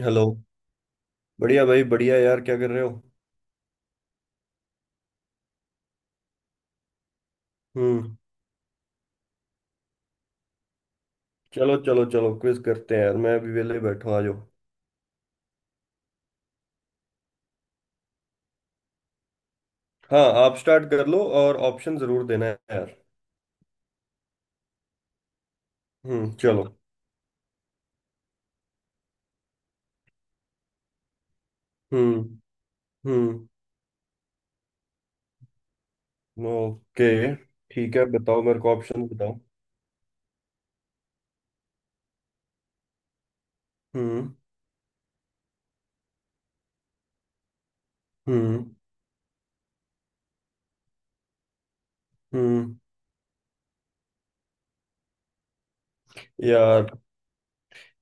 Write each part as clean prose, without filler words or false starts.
Hello. बढ़िया भाई बढ़िया यार, क्या कर रहे हो? हम्म। चलो चलो चलो, क्विज करते हैं यार, मैं अभी वेले बैठा हूँ, आ जाओ। हाँ, आप स्टार्ट कर लो और ऑप्शन जरूर देना है यार। हम्म, चलो। हम्म हम्म। ओके, ठीक है, बताओ मेरे को, ऑप्शन बताओ। हम्म। हम्म। हम्म। यार,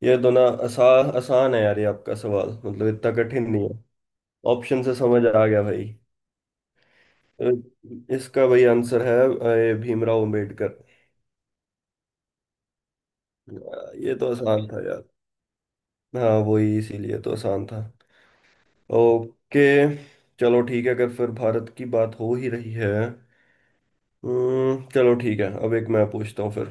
ये दोनों आसान आसान है यार, ये आपका सवाल मतलब इतना कठिन नहीं है। ऑप्शन से समझ आ गया भाई। अ, इसका भाई आंसर है ये भीमराव अम्बेडकर। ये तो आसान था यार। हाँ, वही इसीलिए तो आसान था। ओके। चलो ठीक है, अगर फिर भारत की बात हो ही रही है। चलो ठीक है, अब एक मैं पूछता हूँ फिर।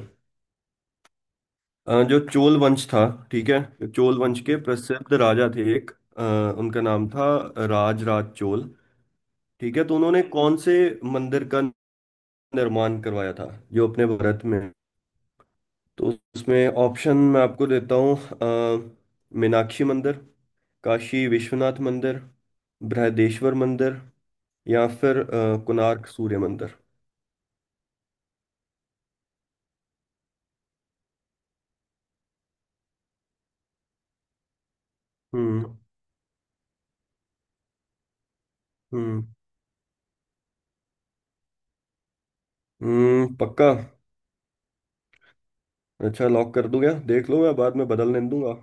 जो चोल वंश था, ठीक है, चोल वंश के प्रसिद्ध राजा थे एक। अ, उनका नाम था राजराज चोल। ठीक है, तो उन्होंने कौन से मंदिर का निर्माण करवाया था, जो अपने भारत में है? तो उसमें ऑप्शन मैं आपको देता हूँ, मीनाक्षी मंदिर, काशी विश्वनाथ मंदिर, बृहदेश्वर मंदिर, या फिर कोणार्क सूर्य मंदिर। हम्म हम्म। हम्म, पक्का। अच्छा, लॉक कर दूं क्या? देख लो, मैं बाद में बदलने नहीं दूंगा।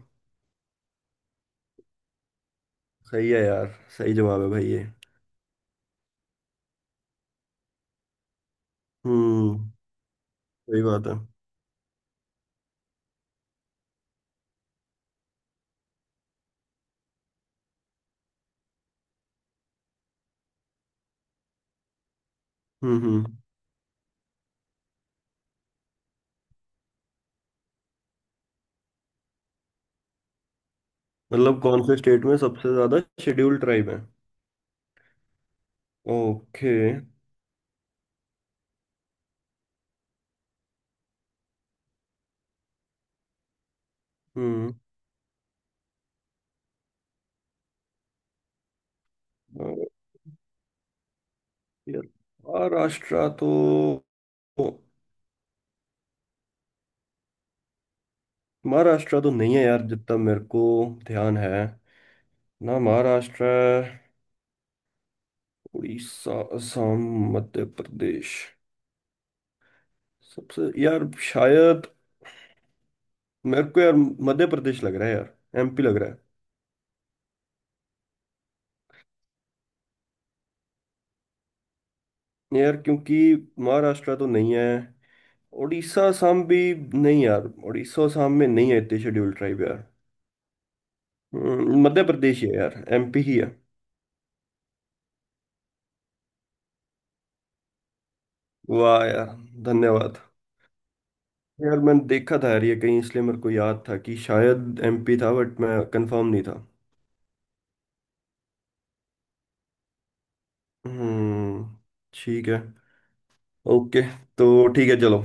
सही है यार, सही जवाब है भाई ये। हम्म, सही बात है। हम्म, मतलब कौन से स्टेट में सबसे ज्यादा शेड्यूल ट्राइब है। ओके। हम्म। और यार, महाराष्ट्र तो, महाराष्ट्र तो नहीं है यार, जितना मेरे को ध्यान है। ना महाराष्ट्र है, उड़ीसा, असम, मध्य प्रदेश। सबसे यार शायद, मेरे को यार मध्य प्रदेश लग रहा है यार, MP लग रहा है यार, क्योंकि महाराष्ट्र तो नहीं है, उड़ीसा असम भी नहीं। यार उड़ीसा असम में नहीं है इतने शेड्यूल ट्राइब यार। मध्य प्रदेश ही है यार, MP ही है। वाह यार, धन्यवाद। यार मैंने देखा था यार ये कहीं, इसलिए मेरे को याद था कि शायद MP था, बट मैं कंफर्म नहीं था। हम्म। ठीक है। ओके। तो ठीक है चलो,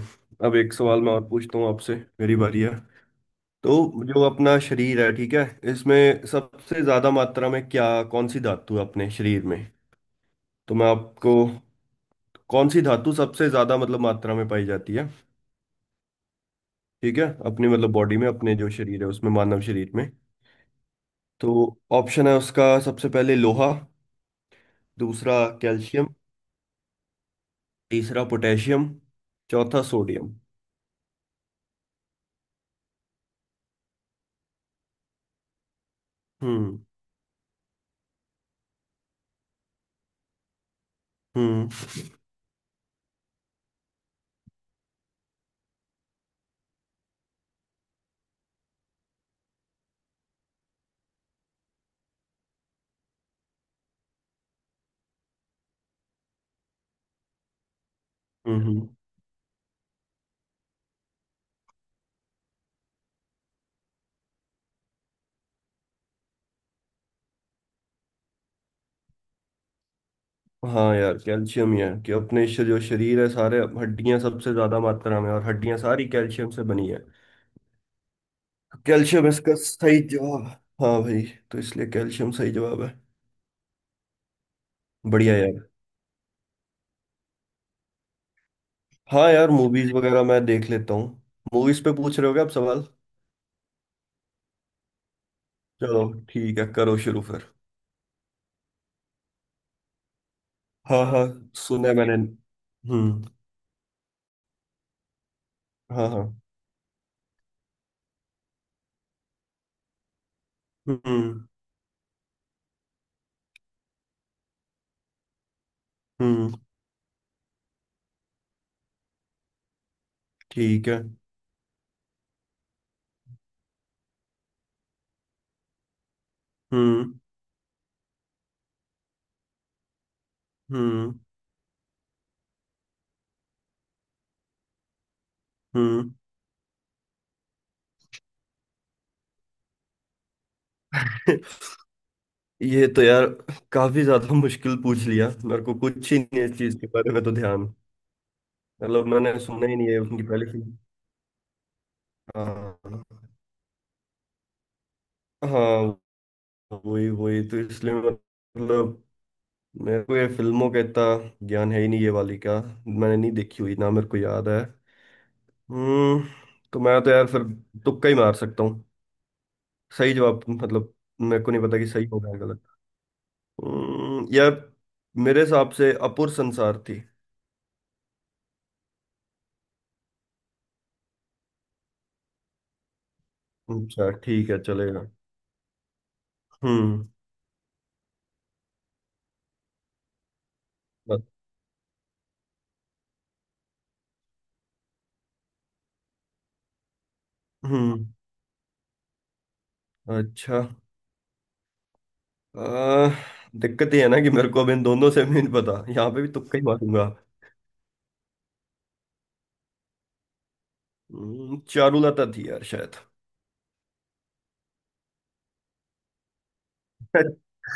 अब एक सवाल मैं और पूछता हूँ आपसे, मेरी बारी है। तो जो अपना शरीर है, ठीक है, इसमें सबसे ज्यादा मात्रा में क्या, कौन सी धातु है अपने शरीर में। तो मैं आपको, कौन सी धातु सबसे ज्यादा मतलब मात्रा में पाई जाती है, ठीक है, अपनी मतलब बॉडी में, अपने जो शरीर है उसमें, मानव शरीर में। तो ऑप्शन है उसका, सबसे पहले लोहा, दूसरा कैल्शियम, तीसरा पोटेशियम, चौथा सोडियम। हम्म। हम्म। हम्म हम्म। हाँ यार, कैल्शियम ही है। कि अपने जो शरीर है, सारे हड्डियां सबसे ज्यादा मात्रा में, और हड्डियां सारी कैल्शियम से बनी है। कैल्शियम इसका सही जवाब। हाँ भाई, तो इसलिए कैल्शियम सही जवाब है। बढ़िया यार। हाँ यार, मूवीज वगैरह मैं देख लेता हूँ। मूवीज पे पूछ रहे हो क्या आप सवाल? चलो ठीक है, करो शुरू फिर। हाँ हाँ, सुना है मैंने। हम्म। हाँ हाँ। हम्म हम्म। ठीक है। हम्म हम्म। हम्म। ये तो यार काफी ज्यादा मुश्किल पूछ लिया, मेरे को कुछ ही नहीं है इस चीज के बारे में तो ध्यान। मतलब मैंने सुना ही नहीं है उनकी पहली फिल्म। हाँ। हाँ, वही वही, तो इसलिए मतलब मेरे को ये फिल्मों का इतना ज्ञान है ही नहीं, ये वाली का मैंने नहीं देखी हुई, ना मेरे को याद है। हम्म। तो मैं तो यार फिर तुक्का ही मार सकता हूँ। सही जवाब मतलब, मेरे को नहीं पता कि सही होगा या गलत। यार, मेरे हिसाब से अपुर संसार थी। अच्छा ठीक है, चलेगा। हम्म। अ- हम्म। अच्छा। आ, दिक्कत ये है ना कि मेरे को अब इन दोनों से भी नहीं पता, यहाँ पे भी तुक्का ही मारूंगा। चारुलता थी यार शायद।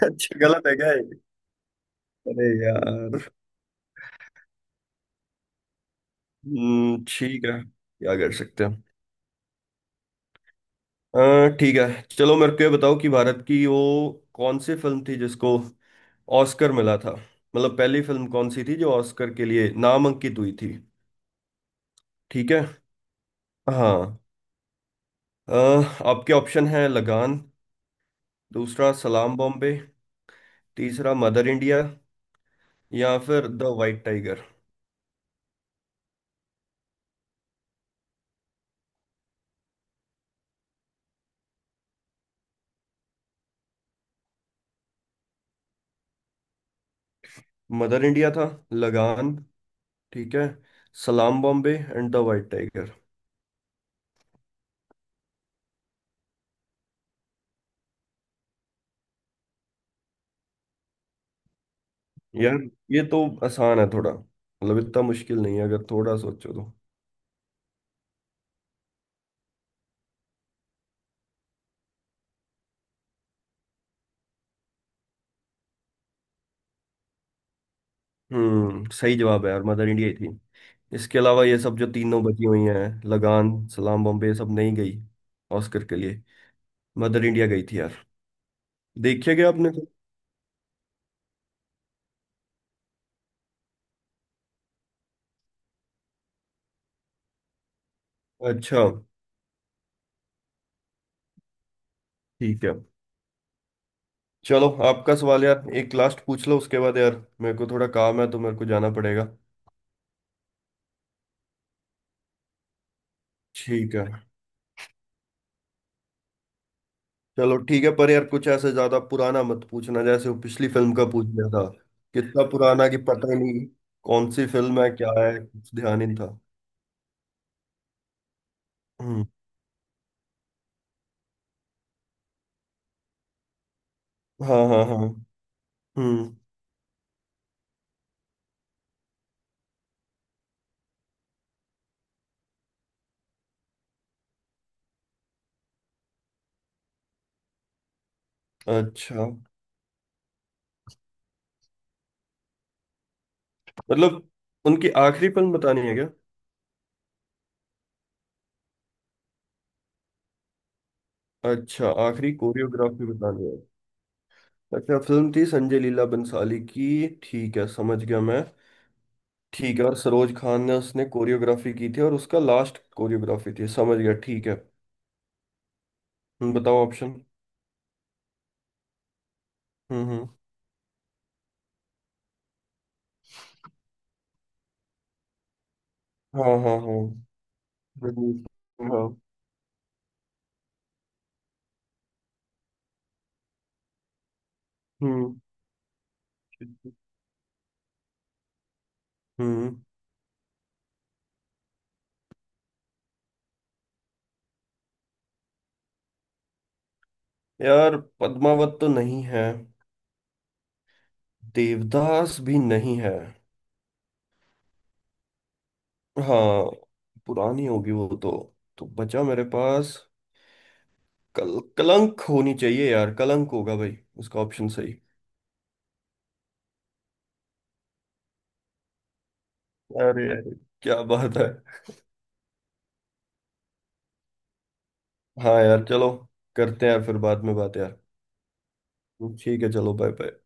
अच्छा, गलत है क्या ये? अरे यार। ठीक है, क्या कर सकते हैं। ठीक है चलो, मेरे को ये बताओ कि भारत की वो कौन सी फिल्म थी जिसको ऑस्कर मिला था, मतलब पहली फिल्म कौन सी थी जो ऑस्कर के लिए नामांकित हुई थी। ठीक है। हाँ। अ, आपके ऑप्शन है लगान, दूसरा सलाम बॉम्बे, तीसरा मदर इंडिया, या फिर the white tiger. Mother India था, लगान, ठीक है, Salaam Bombay and the white tiger. यार ये तो आसान है थोड़ा, मतलब इतना मुश्किल नहीं है अगर थोड़ा सोचो तो। हम्म, सही जवाब है यार, मदर इंडिया ही थी। इसके अलावा ये सब जो तीनों बची हुई हैं, लगान, सलाम बॉम्बे, ये सब नहीं गई ऑस्कर के लिए। मदर इंडिया गई थी यार। देखिए, क्या आपने तो? अच्छा। ठीक है चलो, आपका सवाल यार एक लास्ट पूछ लो, उसके बाद यार मेरे को थोड़ा काम है, तो मेरे को जाना पड़ेगा। ठीक है। चलो ठीक है, पर यार कुछ ऐसे ज्यादा पुराना मत पूछना, जैसे वो पिछली फिल्म का पूछ लिया था, कितना पुराना कि पता ही नहीं कौन सी फिल्म है, क्या है, कुछ ध्यान ही नहीं था। हम्म। हाँ हाँ हाँ। हम्म। अच्छा, मतलब उनकी आखिरी फिल्म बतानी है क्या? अच्छा, आखिरी कोरियोग्राफी बतानी है। अच्छा, फिल्म थी संजय लीला बंसाली की, ठीक है, समझ गया मैं। ठीक है, और सरोज खान ने उसने कोरियोग्राफी की थी, और उसका लास्ट कोरियोग्राफी थी, समझ गया, ठीक है। बताओ ऑप्शन। हम्म। हाँ हाँ हाँ। हम्म। हाँ। हम्म। हम्म। यार पद्मावत तो नहीं है, देवदास भी नहीं है। हाँ, पुरानी होगी वो तो। तो बचा मेरे पास, कल कलंक होनी चाहिए यार, कलंक होगा भाई उसका ऑप्शन सही। अरे अरे, क्या बात है। हाँ यार चलो, करते हैं फिर बाद में बात यार। ठीक है चलो, बाय बाय।